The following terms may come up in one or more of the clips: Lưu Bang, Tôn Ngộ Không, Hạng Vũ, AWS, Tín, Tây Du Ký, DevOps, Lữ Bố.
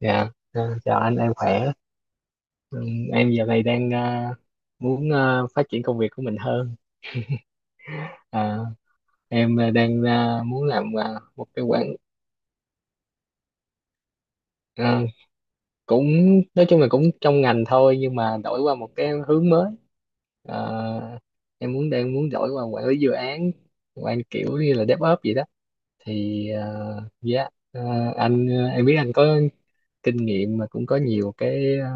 Dạ, chào anh, em khỏe. Ừ, Em giờ này đang muốn phát triển công việc của mình hơn. À, em đang muốn làm một cái quản, ờ, cũng nói chung là cũng trong ngành thôi, nhưng mà đổi qua một cái hướng mới. Ờ, em đang muốn đổi qua quản lý dự án, quản kiểu như là DevOps gì đó. Thì ờ, dạ, ờ, anh ờ, Em biết anh có kinh nghiệm mà cũng có nhiều cái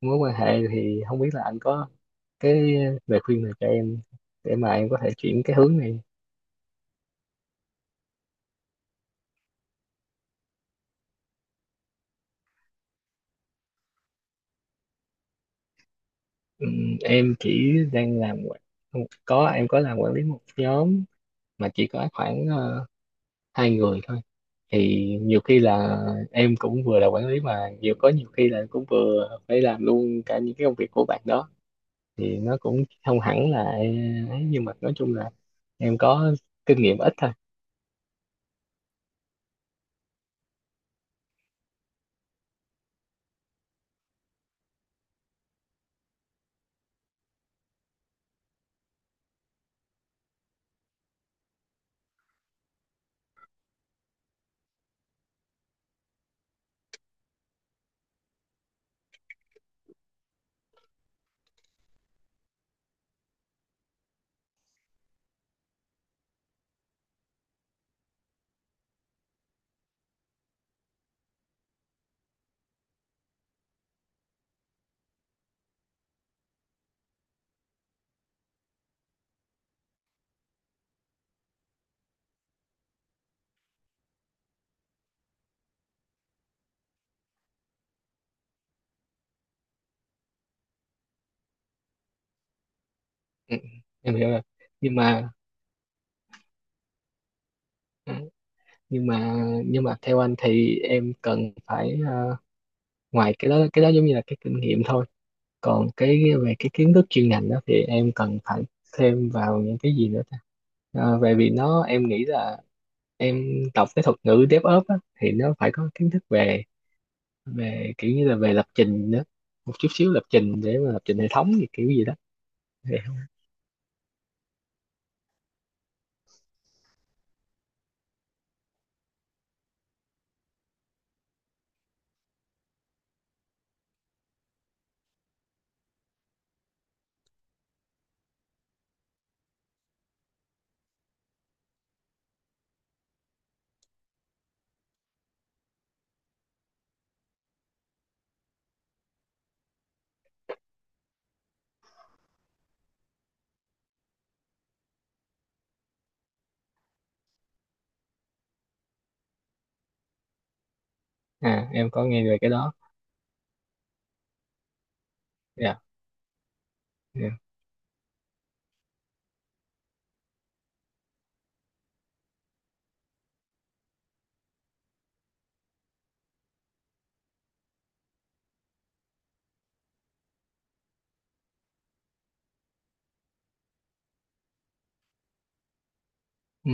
mối quan hệ, thì không biết là anh có cái lời khuyên này cho em để mà em có thể chuyển cái hướng này. Em chỉ đang làm quản-, không, có em có làm quản lý một nhóm mà chỉ có khoảng hai người thôi. Thì nhiều khi là em cũng vừa là quản lý mà nhiều khi là cũng vừa phải làm luôn cả những cái công việc của bạn đó, thì nó cũng không hẳn là ấy, nhưng mà nói chung là em có kinh nghiệm ít thôi. Ừ, em hiểu rồi, nhưng mà nhưng mà nhưng mà theo anh thì em cần phải, ngoài cái đó, giống như là cái kinh nghiệm thôi, còn cái về cái kiến thức chuyên ngành đó thì em cần phải thêm vào những cái gì nữa ta. À, về vì nó em nghĩ là em đọc cái thuật ngữ DevOps á, thì nó phải có kiến thức về, về kiểu như là về lập trình nữa, một chút xíu lập trình để mà lập trình hệ thống gì kiểu gì đó. Thì-, à em có nghe về cái đó. Dạ. Dạ. ừ,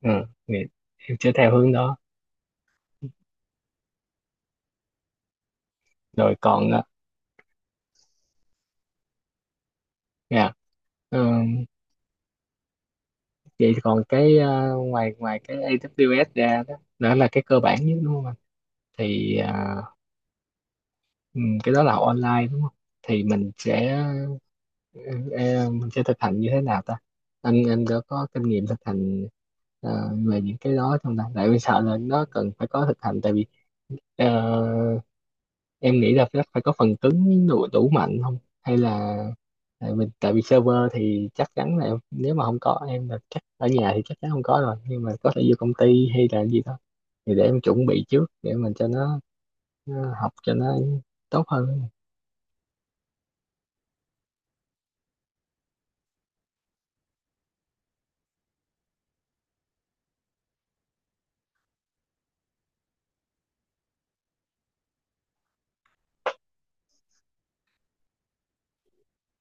ừ. Thì em sẽ theo hướng đó. Rồi còn à, dạ. Ừ, vậy còn cái ngoài ngoài cái AWS ra đó, đó là cái cơ bản nhất đúng không anh? Thì cái đó là học online đúng không? Thì mình sẽ, ờ, mình sẽ thực hành như thế nào ta? Anh có kinh nghiệm thực hành về những cái đó trong ta, tại vì sợ là nó cần phải có thực hành. Tại vì ờ, em nghĩ là nó phải có phần cứng đủ, đủ mạnh không, hay là tại mình, tại vì server thì chắc chắn là em-, nếu mà không có em là chắc ở nhà thì chắc chắn không có rồi, nhưng mà có thể vô công ty hay là gì đó, thì để em chuẩn bị trước để mình cho nó học cho nó tốt hơn.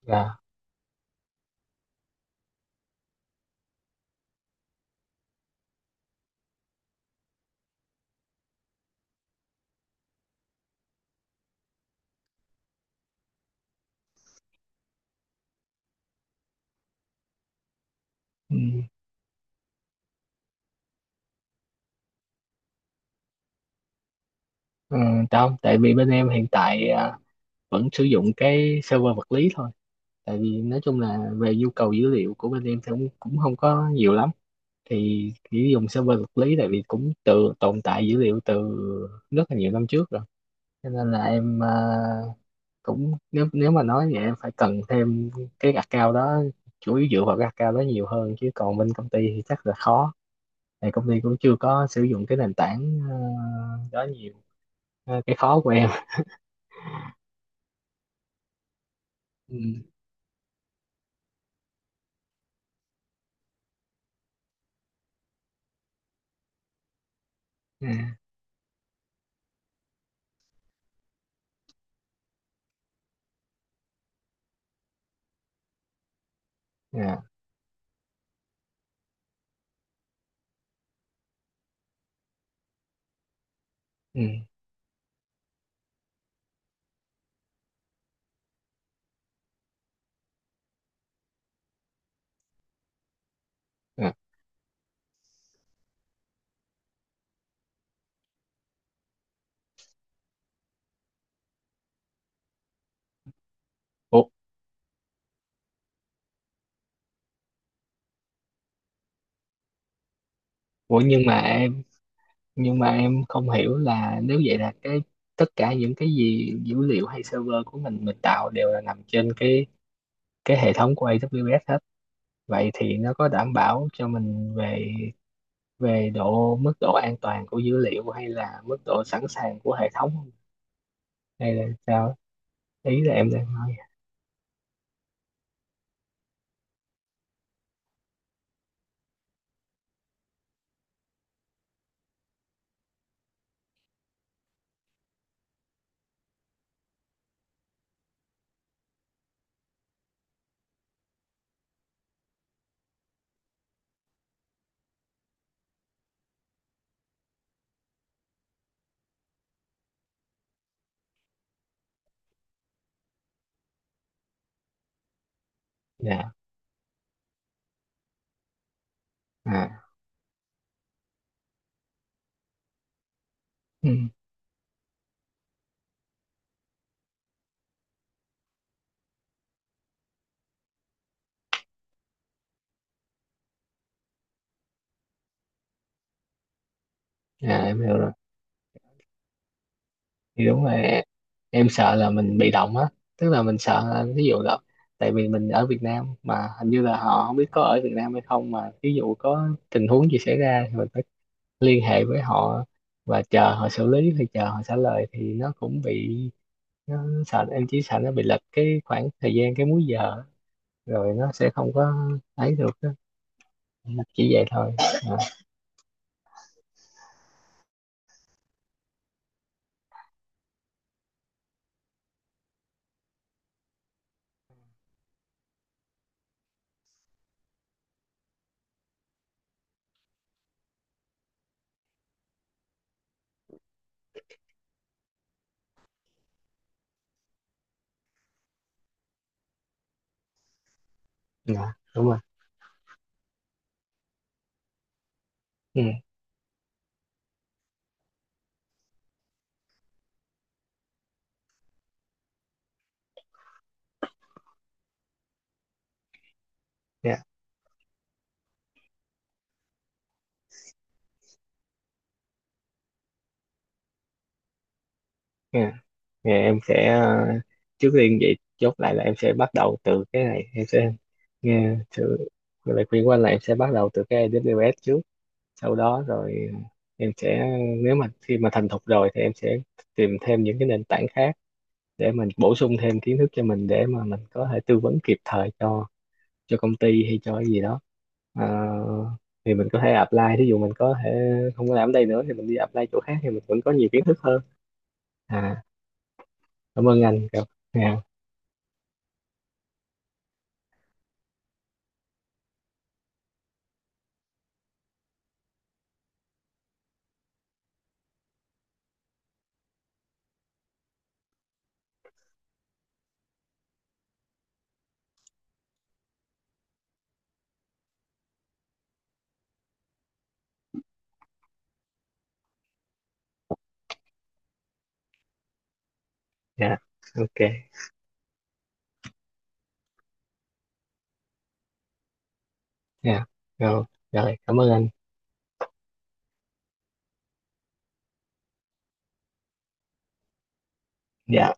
Dạ. Ừ. Ừ, không, tại vì bên em hiện tại à, vẫn sử dụng cái server vật lý thôi. Tại vì nói chung là về nhu cầu dữ liệu của bên em thì cũng cũng không có nhiều lắm, thì chỉ dùng server vật lý, tại vì cũng từ tồn tại dữ liệu từ rất là nhiều năm trước rồi. Cho nên là em, cũng nếu, nếu mà nói vậy em phải cần thêm cái account đó, chủ yếu dựa vào cái account đó nhiều hơn, chứ còn bên công ty thì chắc là khó. Tại công ty cũng chưa có sử dụng cái nền tảng đó nhiều. Ờ, cái khó của em. Ừ. À, à, ừ. À. Ủa, ủa nhưng mà em nhưng mà em không hiểu là nếu vậy là cái, tất cả những cái gì dữ liệu hay server của mình tạo đều là nằm trên cái hệ thống của AWS hết, vậy thì nó có đảm bảo cho mình về, về độ, mức độ an toàn của dữ liệu hay là mức độ sẵn sàng của hệ thống không? Hay là sao, ý là em đang nói. Dạ. À, ừ. À em hiểu rồi. Thì đúng rồi, em sợ là mình bị động á, tức là mình sợ là ví dụ là, tại vì mình ở Việt Nam mà hình như là họ không biết có ở Việt Nam hay không, mà ví dụ có tình huống gì xảy ra thì mình phải liên hệ với họ và chờ họ xử lý hay chờ họ trả lời, thì nó cũng bị, nó sợ em chỉ sợ nó bị lệch cái khoảng thời gian, cái múi giờ, rồi nó sẽ không có ấy được á. Chỉ vậy thôi. À, dạ, đúng rồi. Ừ, dạ, dạ. Thì em sẽ, trước tiên vậy chốt lại là em sẽ bắt đầu từ cái này. Em sẽ nghe sự lời khuyên của anh là em sẽ bắt đầu từ cái AWS trước, sau đó rồi em sẽ, nếu mà khi mà thành thục rồi thì em sẽ tìm thêm những cái nền tảng khác để mình bổ sung thêm kiến thức cho mình, để mà mình có thể tư vấn kịp thời cho công ty hay cho cái gì đó. Ờ, thì mình có thể apply, thí dụ mình có thể không có làm ở đây nữa thì mình đi apply chỗ khác, thì mình vẫn có nhiều kiến thức hơn. À, cảm ơn anh. Dạ. Dạ. Ok. Dạ. Rồi. Rồi, cảm ơn anh. Dạ.